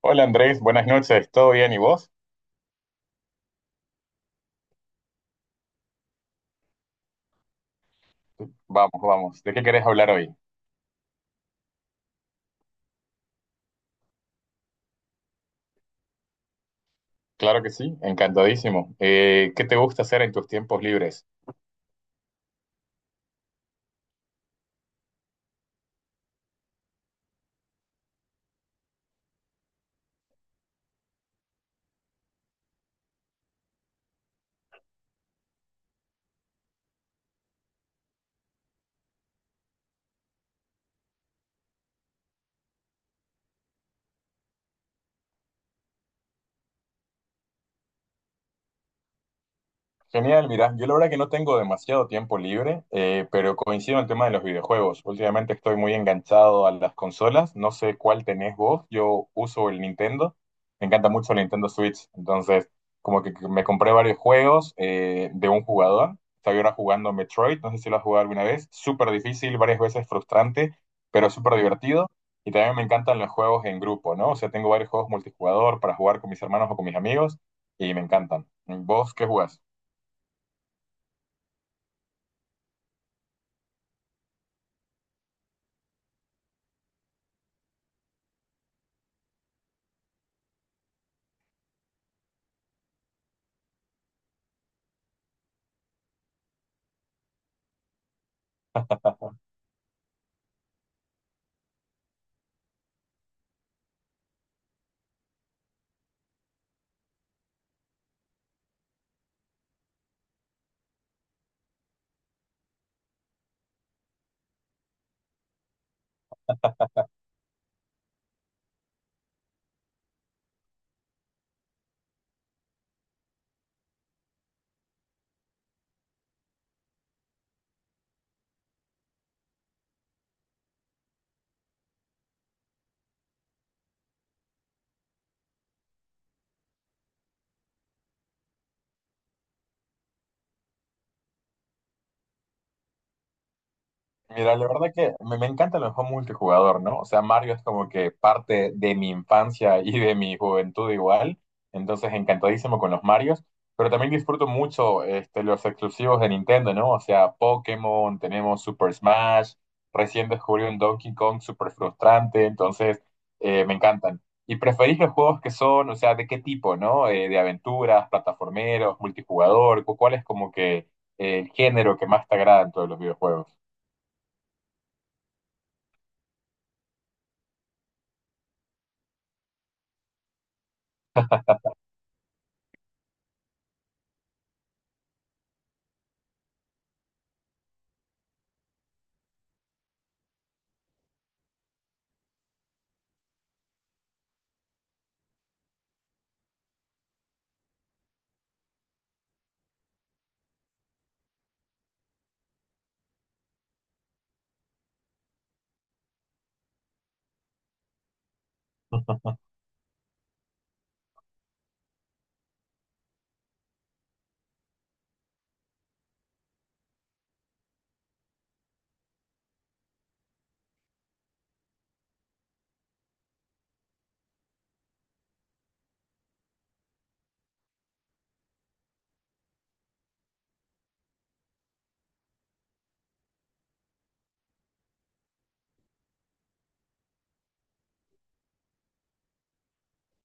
Hola Andrés, buenas noches, ¿todo bien y vos? Vamos, vamos, ¿de qué querés hablar hoy? Claro que sí, encantadísimo. ¿Qué te gusta hacer en tus tiempos libres? Genial, mira, yo la verdad que no tengo demasiado tiempo libre, pero coincido en el tema de los videojuegos. Últimamente estoy muy enganchado a las consolas, no sé cuál tenés vos, yo uso el Nintendo, me encanta mucho el Nintendo Switch, entonces como que me compré varios juegos de un jugador, estaba ahora jugando Metroid, no sé si lo has jugado alguna vez, súper difícil, varias veces frustrante, pero súper divertido, y también me encantan los juegos en grupo, ¿no? O sea, tengo varios juegos multijugador para jugar con mis hermanos o con mis amigos, y me encantan. ¿Vos qué jugás? Mira, la verdad que me encanta el juego multijugador, ¿no? O sea, Mario es como que parte de mi infancia y de mi juventud igual, entonces encantadísimo con los Marios, pero también disfruto mucho este, los exclusivos de Nintendo, ¿no? O sea, Pokémon, tenemos Super Smash, recién descubrí un Donkey Kong súper frustrante, entonces me encantan. ¿Y preferís los juegos que son, o sea, de qué tipo, ¿no? De aventuras, plataformeros, multijugador, ¿cuál es como que el género que más te agrada en todos los videojuegos?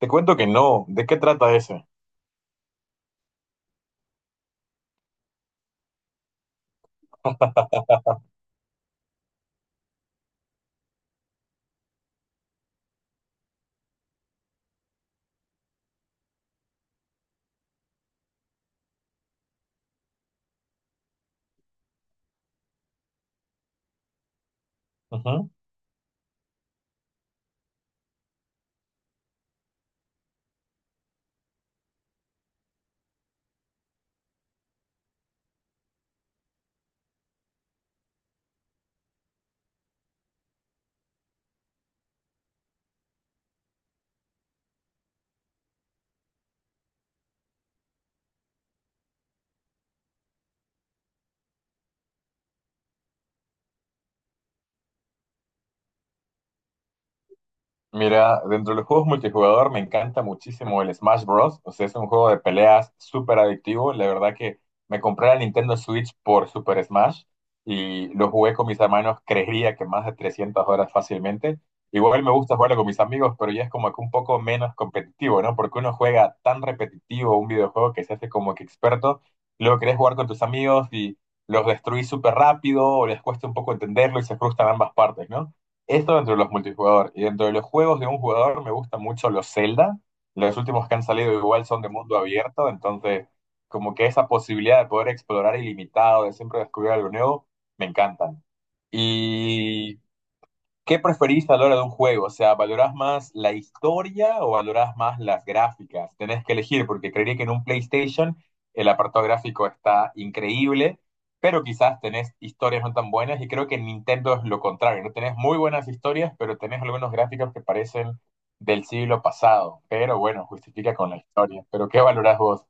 Te cuento que no. ¿De qué trata ese? Ujú. Mira, dentro de los juegos multijugador me encanta muchísimo el Smash Bros. O sea, es un juego de peleas súper adictivo. La verdad que me compré la Nintendo Switch por Super Smash y lo jugué con mis hermanos, creería que más de 300 horas fácilmente. Igual me gusta jugarlo con mis amigos, pero ya es como que un poco menos competitivo, ¿no? Porque uno juega tan repetitivo un videojuego que se hace como que experto. Luego querés jugar con tus amigos y los destruís súper rápido o les cuesta un poco entenderlo y se frustran ambas partes, ¿no? Esto dentro de los multijugador. Y dentro de los juegos de un jugador me gustan mucho los Zelda. Los últimos que han salido igual son de mundo abierto, entonces como que esa posibilidad de poder explorar ilimitado, de siempre descubrir algo nuevo, me encantan. Y ¿qué preferís a la hora de un juego? O sea, ¿valorás más la historia o valorás más las gráficas? Tenés que elegir, porque creería que en un PlayStation el apartado gráfico está increíble, pero quizás tenés historias no tan buenas, y creo que en Nintendo es lo contrario, no tenés muy buenas historias, pero tenés algunos gráficos que parecen del siglo pasado, pero bueno, justifica con la historia. ¿Pero qué valorás vos?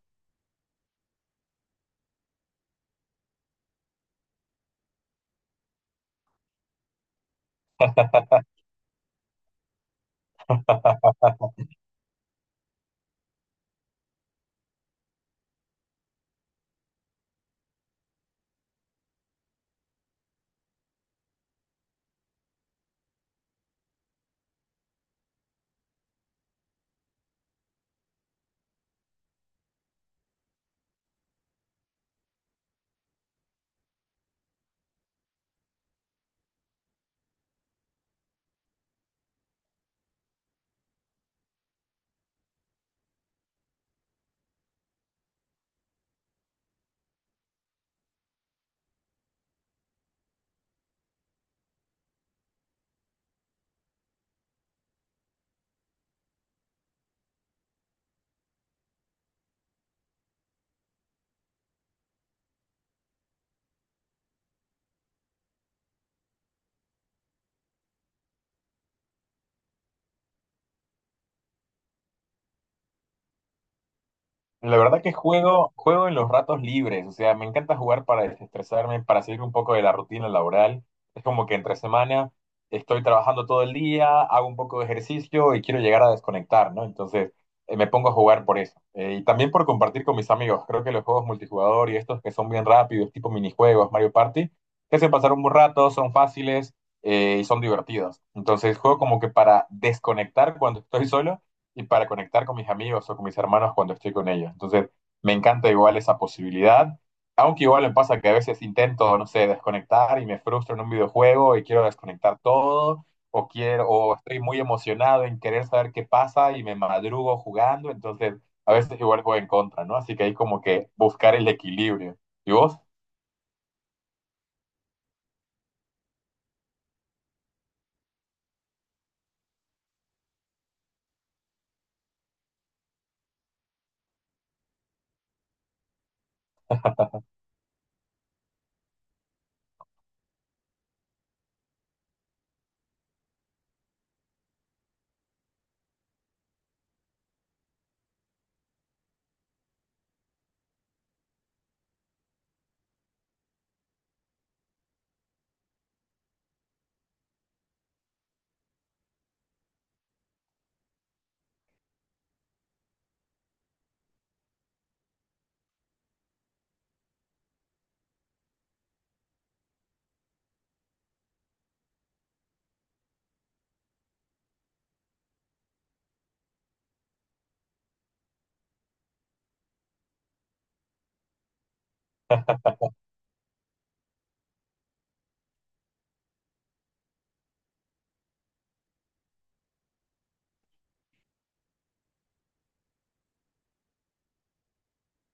La verdad que juego en los ratos libres, o sea, me encanta jugar para desestresarme, para salir un poco de la rutina laboral. Es como que entre semana estoy trabajando todo el día, hago un poco de ejercicio y quiero llegar a desconectar, ¿no? Entonces, me pongo a jugar por eso. Y también por compartir con mis amigos. Creo que los juegos multijugador y estos que son bien rápidos, tipo minijuegos, Mario Party, te hacen pasar un buen rato, son fáciles y son divertidos. Entonces, juego como que para desconectar cuando estoy solo y para conectar con mis amigos o con mis hermanos cuando estoy con ellos. Entonces, me encanta igual esa posibilidad, aunque igual me pasa que a veces intento, no sé, desconectar y me frustro en un videojuego y quiero desconectar todo, o quiero, o estoy muy emocionado en querer saber qué pasa y me madrugo jugando, entonces a veces igual voy en contra, ¿no? Así que hay como que buscar el equilibrio. ¿Y vos?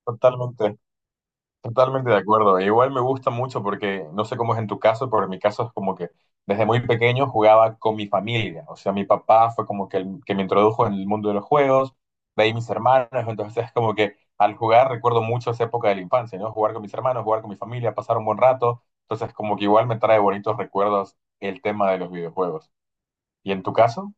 Totalmente. Totalmente de acuerdo. E igual me gusta mucho porque no sé cómo es en tu caso, pero en mi caso es como que desde muy pequeño jugaba con mi familia. O sea, mi papá fue como que el que me introdujo en el mundo de los juegos, de ahí mis hermanos. Entonces es como que al jugar recuerdo mucho esa época de la infancia, ¿no? Jugar con mis hermanos, jugar con mi familia, pasar un buen rato. Entonces como que igual me trae bonitos recuerdos el tema de los videojuegos. ¿Y en tu caso?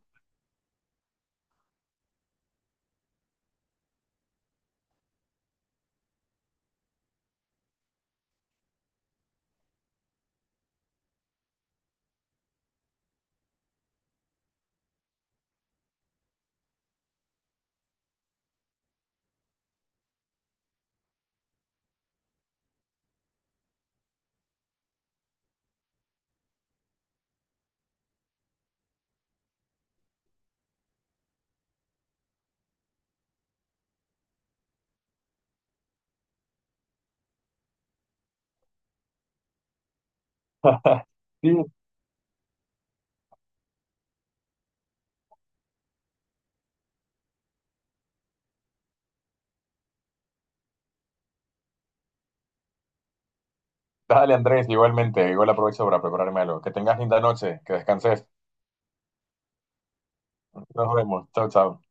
Sí. Dale, Andrés, igualmente. Igual aprovecho para prepararme algo. Que tengas linda noche, que descanses. Nos vemos. Chao, chao.